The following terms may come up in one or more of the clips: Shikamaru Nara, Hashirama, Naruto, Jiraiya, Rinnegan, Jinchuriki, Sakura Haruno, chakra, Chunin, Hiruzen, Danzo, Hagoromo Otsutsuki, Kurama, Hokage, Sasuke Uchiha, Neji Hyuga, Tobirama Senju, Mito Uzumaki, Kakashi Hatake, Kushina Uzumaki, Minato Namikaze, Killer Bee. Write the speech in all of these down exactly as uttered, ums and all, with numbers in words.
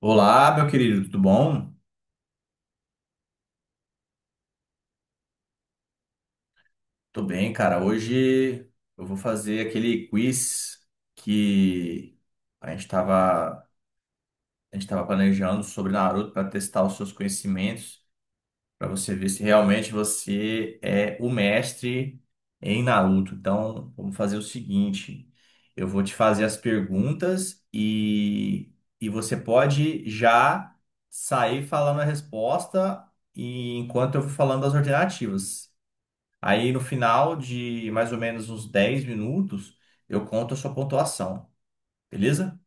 Olá, meu querido, tudo bom? Tô bem, cara. Hoje eu vou fazer aquele quiz que a gente tava, a gente tava planejando sobre Naruto para testar os seus conhecimentos, para você ver se realmente você é o mestre em Naruto. Então, vamos fazer o seguinte: eu vou te fazer as perguntas e, e você pode já sair falando a resposta e enquanto eu vou falando as alternativas. Aí no final de mais ou menos uns dez minutos, eu conto a sua pontuação, beleza?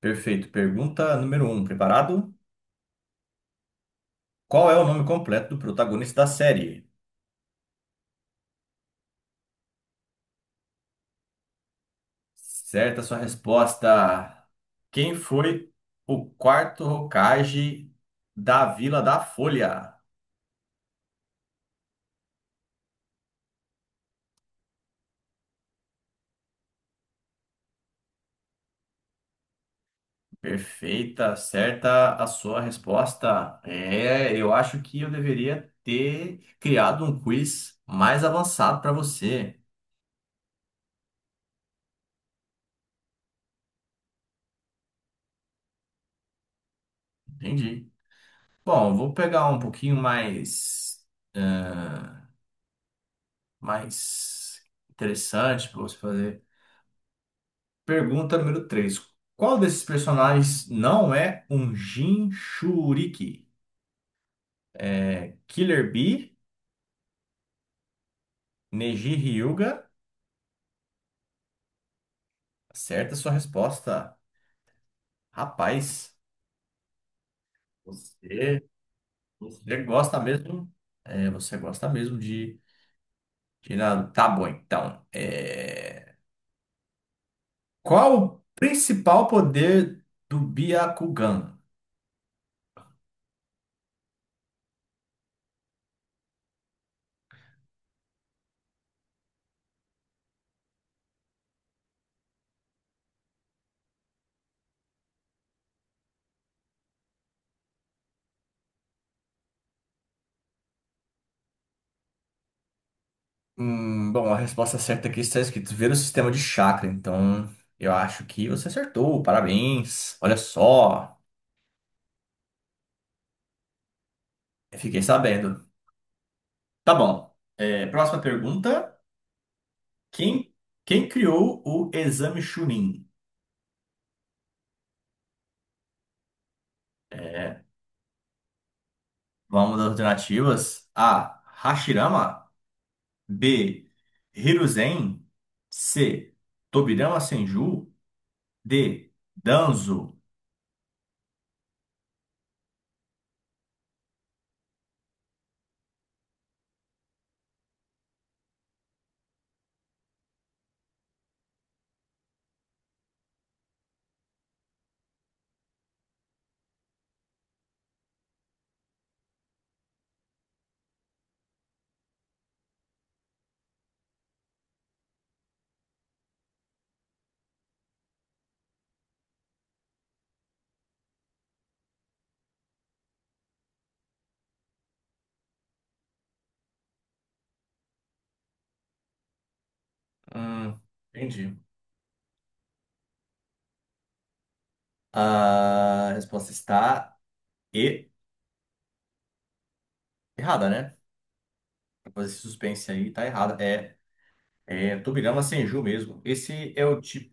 Perfeito. Pergunta número um, preparado? Qual é o nome completo do protagonista da série? Certa a sua resposta. Quem foi o quarto Hokage da Vila da Folha? Perfeita, certa a sua resposta. É, eu acho que eu deveria ter criado um quiz mais avançado para você. Entendi. Bom, vou pegar um pouquinho mais, ah, mais interessante para você fazer. Pergunta número três: Qual desses personagens não é um Jinchuriki? É Killer Bee, Neji Hyuga? Acerta a sua resposta. Rapaz, você, você gosta mesmo? É, você gosta mesmo de, de nada. Tá bom, então. É, Qual o principal poder do Byakugan? Hum, bom, a resposta certa aqui está escrito ver o sistema de chakra. Então, eu acho que você acertou. Parabéns. Olha só, eu fiquei sabendo. Tá bom. É, próxima pergunta. Quem, quem criou o exame Chunin? Vamos das alternativas. A. Hashirama. B. Hiruzen. C. Tobirama Senju. D. Danzo. Hum, entendi. A resposta está e errada, né? Fazer esse suspense aí tá errado. É, é Tubirama Senju mesmo. Esse é o tipo,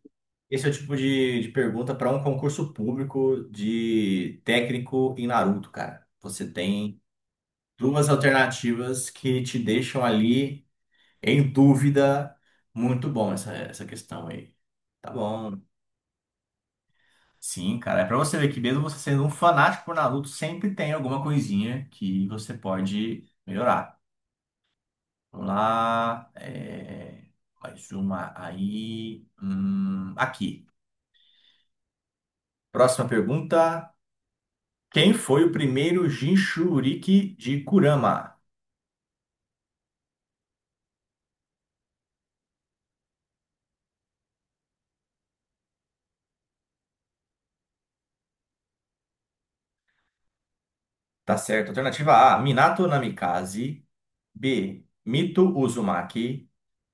esse é o tipo de, de pergunta para um concurso público de técnico em Naruto, cara. Você tem duas alternativas que te deixam ali em dúvida. Muito bom essa, essa questão aí. Tá bom. Sim, cara. É pra você ver que mesmo você sendo um fanático por Naruto, sempre tem alguma coisinha que você pode melhorar. Vamos lá. É, mais uma aí. Hum, aqui. Próxima pergunta. Quem foi o primeiro Jinchuriki de Kurama? Tá certo. Alternativa A: Minato Namikaze. B: Mito Uzumaki.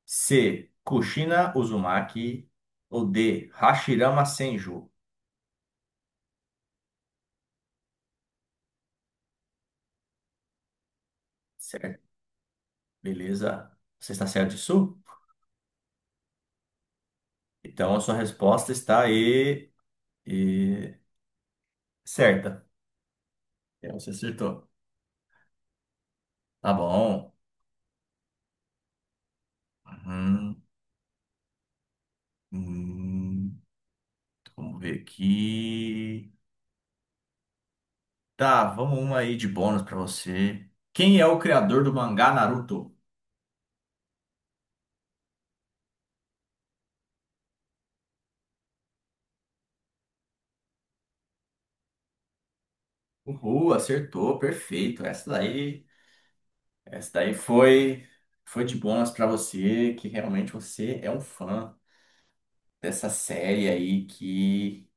C: Kushina Uzumaki. Ou D: Hashirama Senju. Certo. Beleza. Você está certo disso? Então a sua resposta está aí. e- Certa. Então você acertou. Tá bom. Hum, hum, Vamos ver aqui. Tá, vamos uma aí de bônus pra você. Quem é o criador do mangá Naruto? Uhul, acertou, perfeito. Essa daí, essa daí foi, foi de bônus pra você, que realmente você é um fã dessa série aí que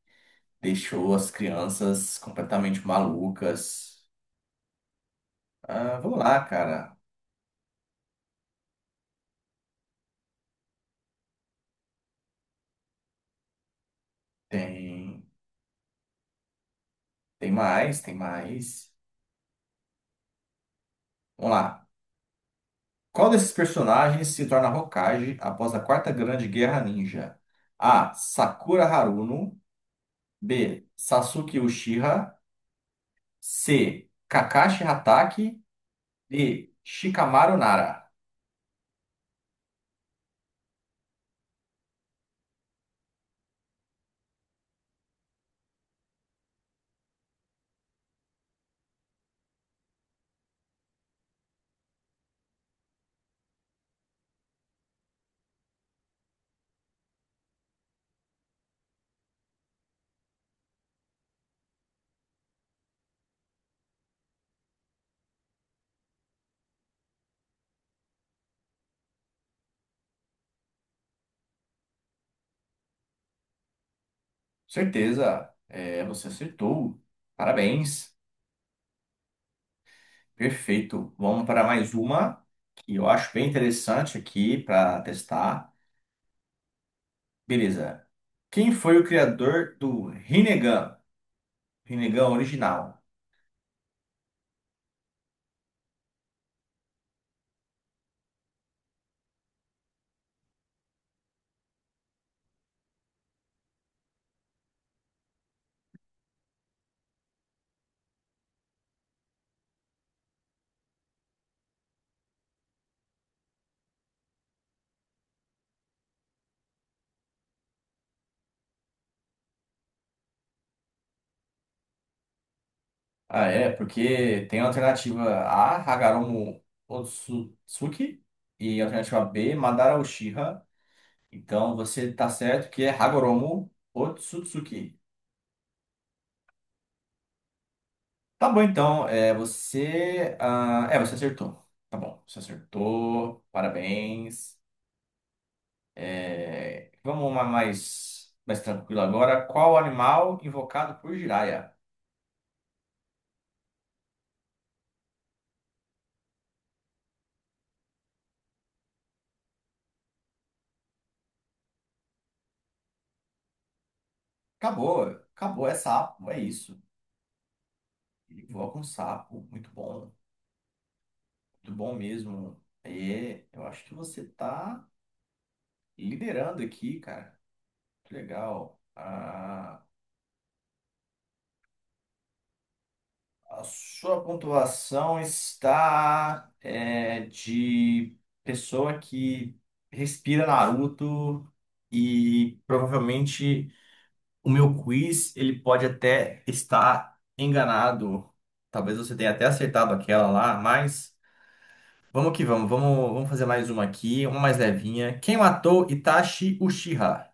deixou as crianças completamente malucas. Ah, vamos lá, cara. Tem, Tem mais, tem mais. Vamos lá. Qual desses personagens se torna Hokage após a Quarta Grande Guerra Ninja? A. Sakura Haruno. B. Sasuke Uchiha. C. Kakashi Hatake. D. Shikamaru Nara. Certeza. É, você acertou. Parabéns. Perfeito. Vamos para mais uma que eu acho bem interessante aqui para testar. Beleza. Quem foi o criador do Rinnegan? Rinnegan original. Ah, é, porque tem a alternativa A, Hagoromo Otsutsuki, e a alternativa B, Madara Uchiha. Então você tá certo que é Hagoromo Otsutsuki. Tá bom, então, é, você. ah, é, você acertou. Tá bom, você acertou, parabéns. É, vamos uma mais, mais tranquila agora. Qual animal invocado por Jiraiya? Acabou, acabou, é sapo, é isso. Ele invoca um sapo, muito bom. Muito bom mesmo. É, eu acho que você tá liderando aqui, cara. Que legal. A, a sua pontuação está é, de pessoa que respira Naruto e provavelmente o meu quiz ele pode até estar enganado. Talvez você tenha até acertado aquela lá, mas vamos que vamos. Vamos, vamos fazer mais uma aqui, uma mais levinha. Quem matou Itachi Uchiha?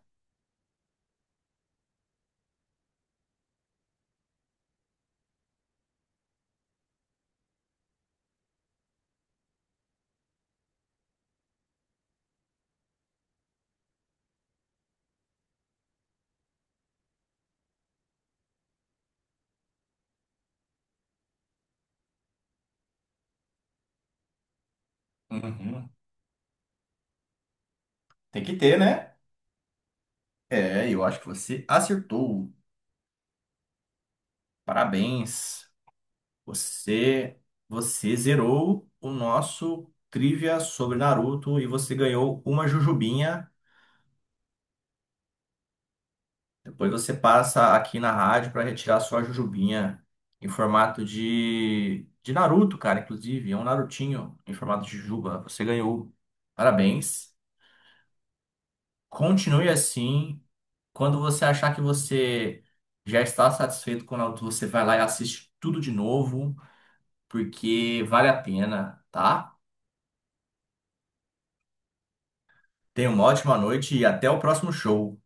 Uhum. Tem que ter, né? É, eu acho que você acertou. Parabéns. Você, você zerou o nosso trivia sobre Naruto e você ganhou uma jujubinha. Depois você passa aqui na rádio para retirar sua jujubinha em formato de, de Naruto, cara, inclusive. É um Narutinho em formato de jujuba. Você ganhou. Parabéns. Continue assim. Quando você achar que você já está satisfeito com o Naruto, você vai lá e assiste tudo de novo, porque vale a pena, tá? Tenha uma ótima noite e até o próximo show.